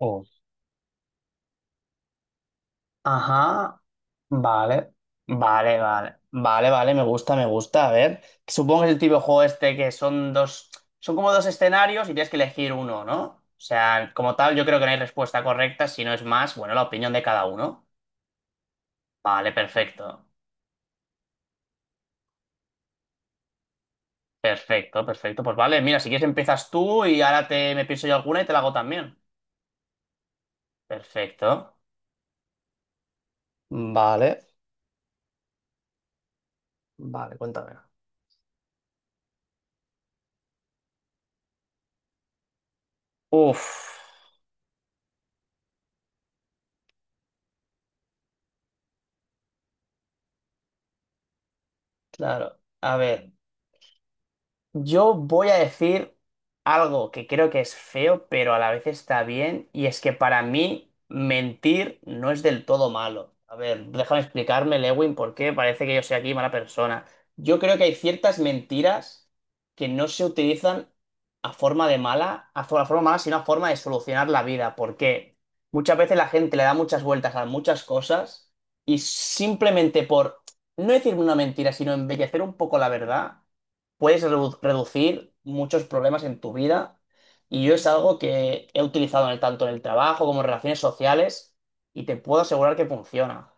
Oh. Ajá, vale, vale, me gusta, a ver. Supongo que es el tipo de juego este que son son como dos escenarios y tienes que elegir uno, ¿no? O sea, como tal, yo creo que no hay respuesta correcta, si no es más, bueno, la opinión de cada uno. Vale, perfecto. Pues vale, mira, si quieres empiezas tú y ahora me pienso yo alguna y te la hago también. Perfecto. Vale, vale, cuéntame. Uf, claro, a ver. Yo voy a decir algo que creo que es feo, pero a la vez está bien, y es que para mí mentir no es del todo malo. A ver, déjame explicarme, Lewin, por qué parece que yo soy aquí mala persona. Yo creo que hay ciertas mentiras que no se utilizan a forma de mala, a forma mala, sino a forma de solucionar la vida, porque muchas veces la gente le da muchas vueltas a muchas cosas y simplemente por no decir una mentira, sino embellecer un poco la verdad puedes reducir muchos problemas en tu vida. Y yo es algo que he utilizado en tanto en el trabajo como en relaciones sociales y te puedo asegurar que funciona.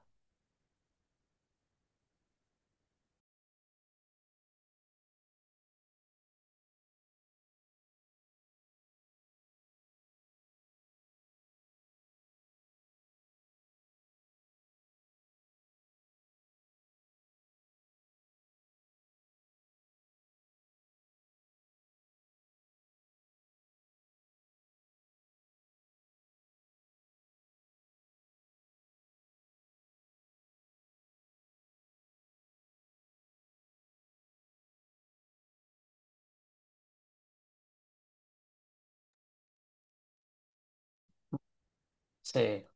Sí,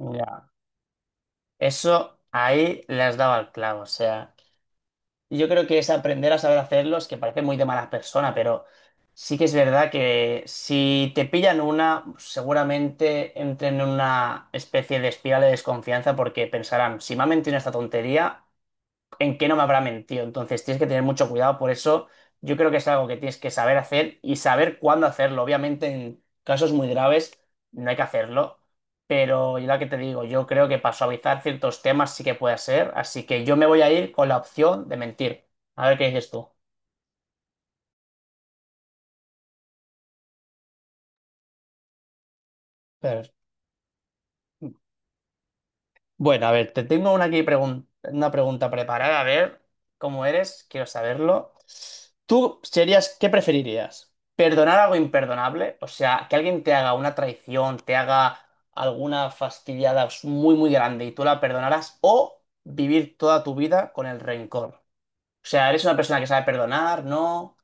ya. Eso ahí le has dado al clavo. O sea, yo creo que es aprender a saber hacerlo, es que parece muy de mala persona, pero sí que es verdad que si te pillan una, seguramente entren en una especie de espiral de desconfianza porque pensarán, si me ha mentido en esta tontería en qué no me habrá mentido. Entonces tienes que tener mucho cuidado. Por eso yo creo que es algo que tienes que saber hacer y saber cuándo hacerlo. Obviamente en casos muy graves no hay que hacerlo. Pero yo lo que te digo, yo creo que para suavizar ciertos temas sí que puede ser. Así que yo me voy a ir con la opción de mentir. A ver qué dices tú. Pedro. Bueno, a ver, te tengo una, una pregunta preparada. A ver cómo eres, quiero saberlo. Qué preferirías? ¿Perdonar algo imperdonable? O sea, que alguien te haga una traición, te haga alguna fastidiada muy grande y tú la perdonarás, o vivir toda tu vida con el rencor. O sea, ¿eres una persona que sabe perdonar? ¿No?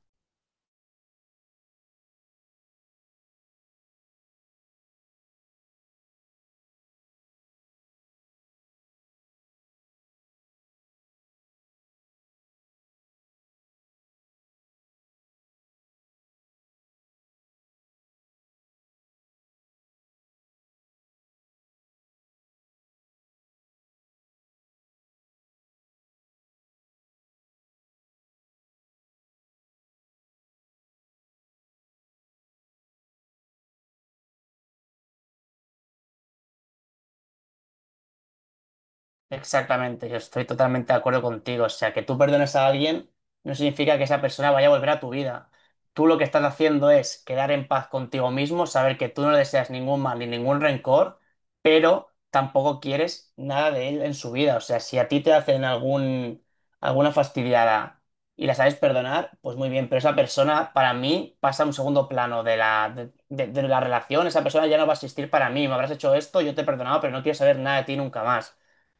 Exactamente, yo estoy totalmente de acuerdo contigo. O sea, que tú perdones a alguien no significa que esa persona vaya a volver a tu vida. Tú lo que estás haciendo es quedar en paz contigo mismo, saber que tú no le deseas ningún mal ni ningún rencor, pero tampoco quieres nada de él en su vida. O sea, si a ti te hacen alguna fastidiada y la sabes perdonar, pues muy bien, pero esa persona para mí pasa a un segundo plano de de la relación. Esa persona ya no va a existir para mí. Me habrás hecho esto, yo te he perdonado, pero no quiero saber nada de ti nunca más.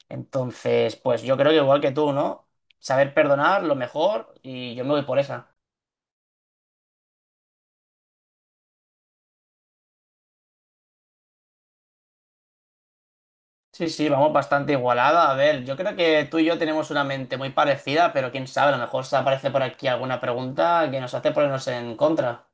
Entonces, pues yo creo que igual que tú, ¿no? Saber perdonar, lo mejor, y yo me voy por esa. Sí, sí, vamos bastante igualada. A ver, yo creo que tú y yo tenemos una mente muy parecida, pero quién sabe, a lo mejor se aparece por aquí alguna pregunta que nos hace ponernos en contra.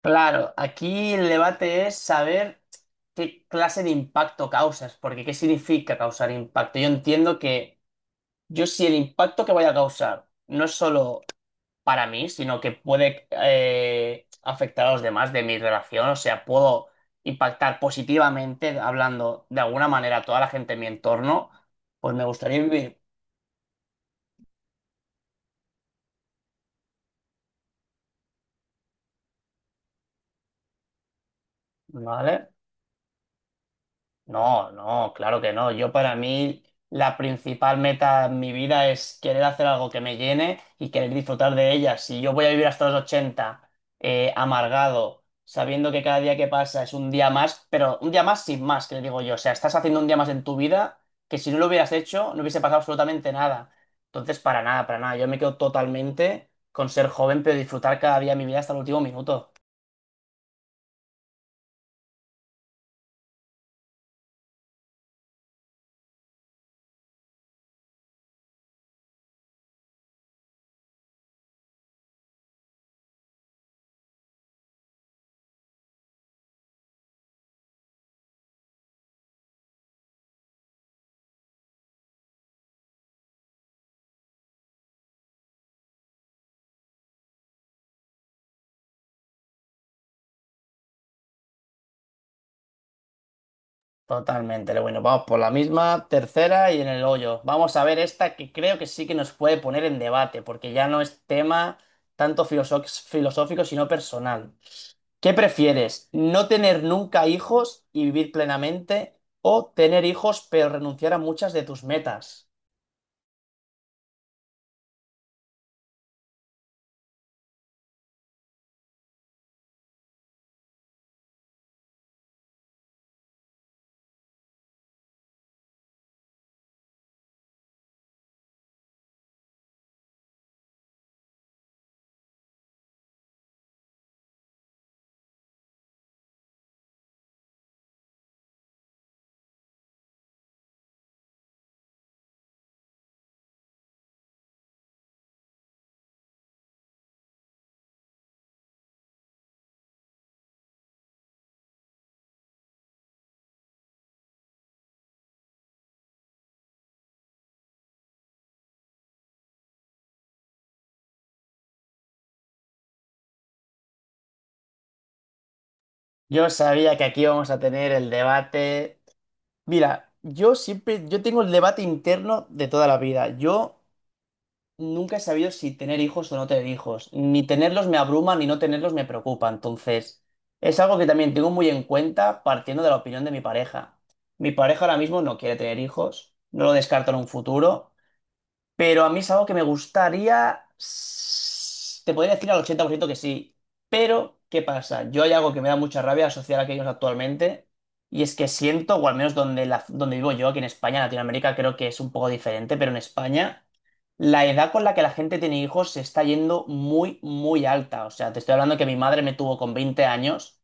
Claro, aquí el debate es saber qué clase de impacto causas, porque ¿qué significa causar impacto? Yo entiendo que yo si el impacto que voy a causar no es solo para mí, sino que puede afectar a los demás de mi relación. O sea, puedo impactar positivamente hablando de alguna manera a toda la gente en mi entorno, pues me gustaría vivir, ¿vale? No, no, claro que no. Yo para mí la principal meta en mi vida es querer hacer algo que me llene y querer disfrutar de ella. Si yo voy a vivir hasta los 80 amargado, sabiendo que cada día que pasa es un día más, pero un día más sin más, que le digo yo. O sea, estás haciendo un día más en tu vida que si no lo hubieras hecho no hubiese pasado absolutamente nada. Entonces, para nada, para nada. Yo me quedo totalmente con ser joven, pero disfrutar cada día de mi vida hasta el último minuto. Totalmente, pero bueno, vamos por la misma, tercera y en el hoyo. Vamos a ver esta que creo que sí que nos puede poner en debate, porque ya no es tema tanto filosófico, sino personal. ¿Qué prefieres? ¿No tener nunca hijos y vivir plenamente? ¿O tener hijos pero renunciar a muchas de tus metas? Yo sabía que aquí vamos a tener el debate. Mira, yo tengo el debate interno de toda la vida. Yo nunca he sabido si tener hijos o no tener hijos. Ni tenerlos me abruma, ni no tenerlos me preocupa. Entonces, es algo que también tengo muy en cuenta partiendo de la opinión de mi pareja. Mi pareja ahora mismo no quiere tener hijos, no lo descarta en un futuro. Pero a mí es algo que me gustaría. Te podría decir al 80% que sí. Pero, ¿qué pasa? Yo hay algo que me da mucha rabia asociar a aquellos actualmente. Y es que siento, o al menos donde vivo yo, aquí en España, en Latinoamérica, creo que es un poco diferente, pero en España, la edad con la que la gente tiene hijos se está yendo muy alta. O sea, te estoy hablando que mi madre me tuvo con 20 años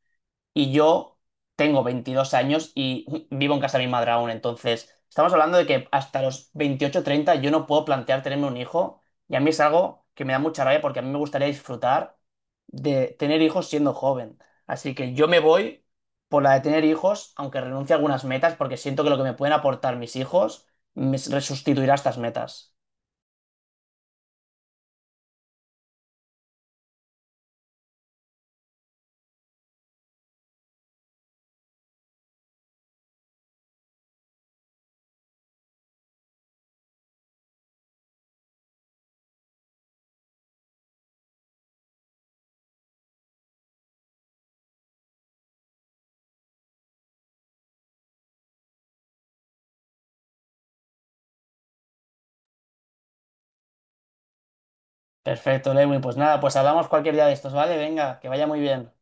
y yo tengo 22 años y vivo en casa de mi madre aún. Entonces, estamos hablando de que hasta los 28 o 30 yo no puedo plantear tenerme un hijo y a mí es algo que me da mucha rabia porque a mí me gustaría disfrutar de tener hijos siendo joven. Así que yo me voy por la de tener hijos, aunque renuncie a algunas metas porque siento que lo que me pueden aportar mis hijos me resustituirá estas metas. Perfecto, Lewin. Pues nada, pues hablamos cualquier día de estos, ¿vale? Venga, que vaya muy bien.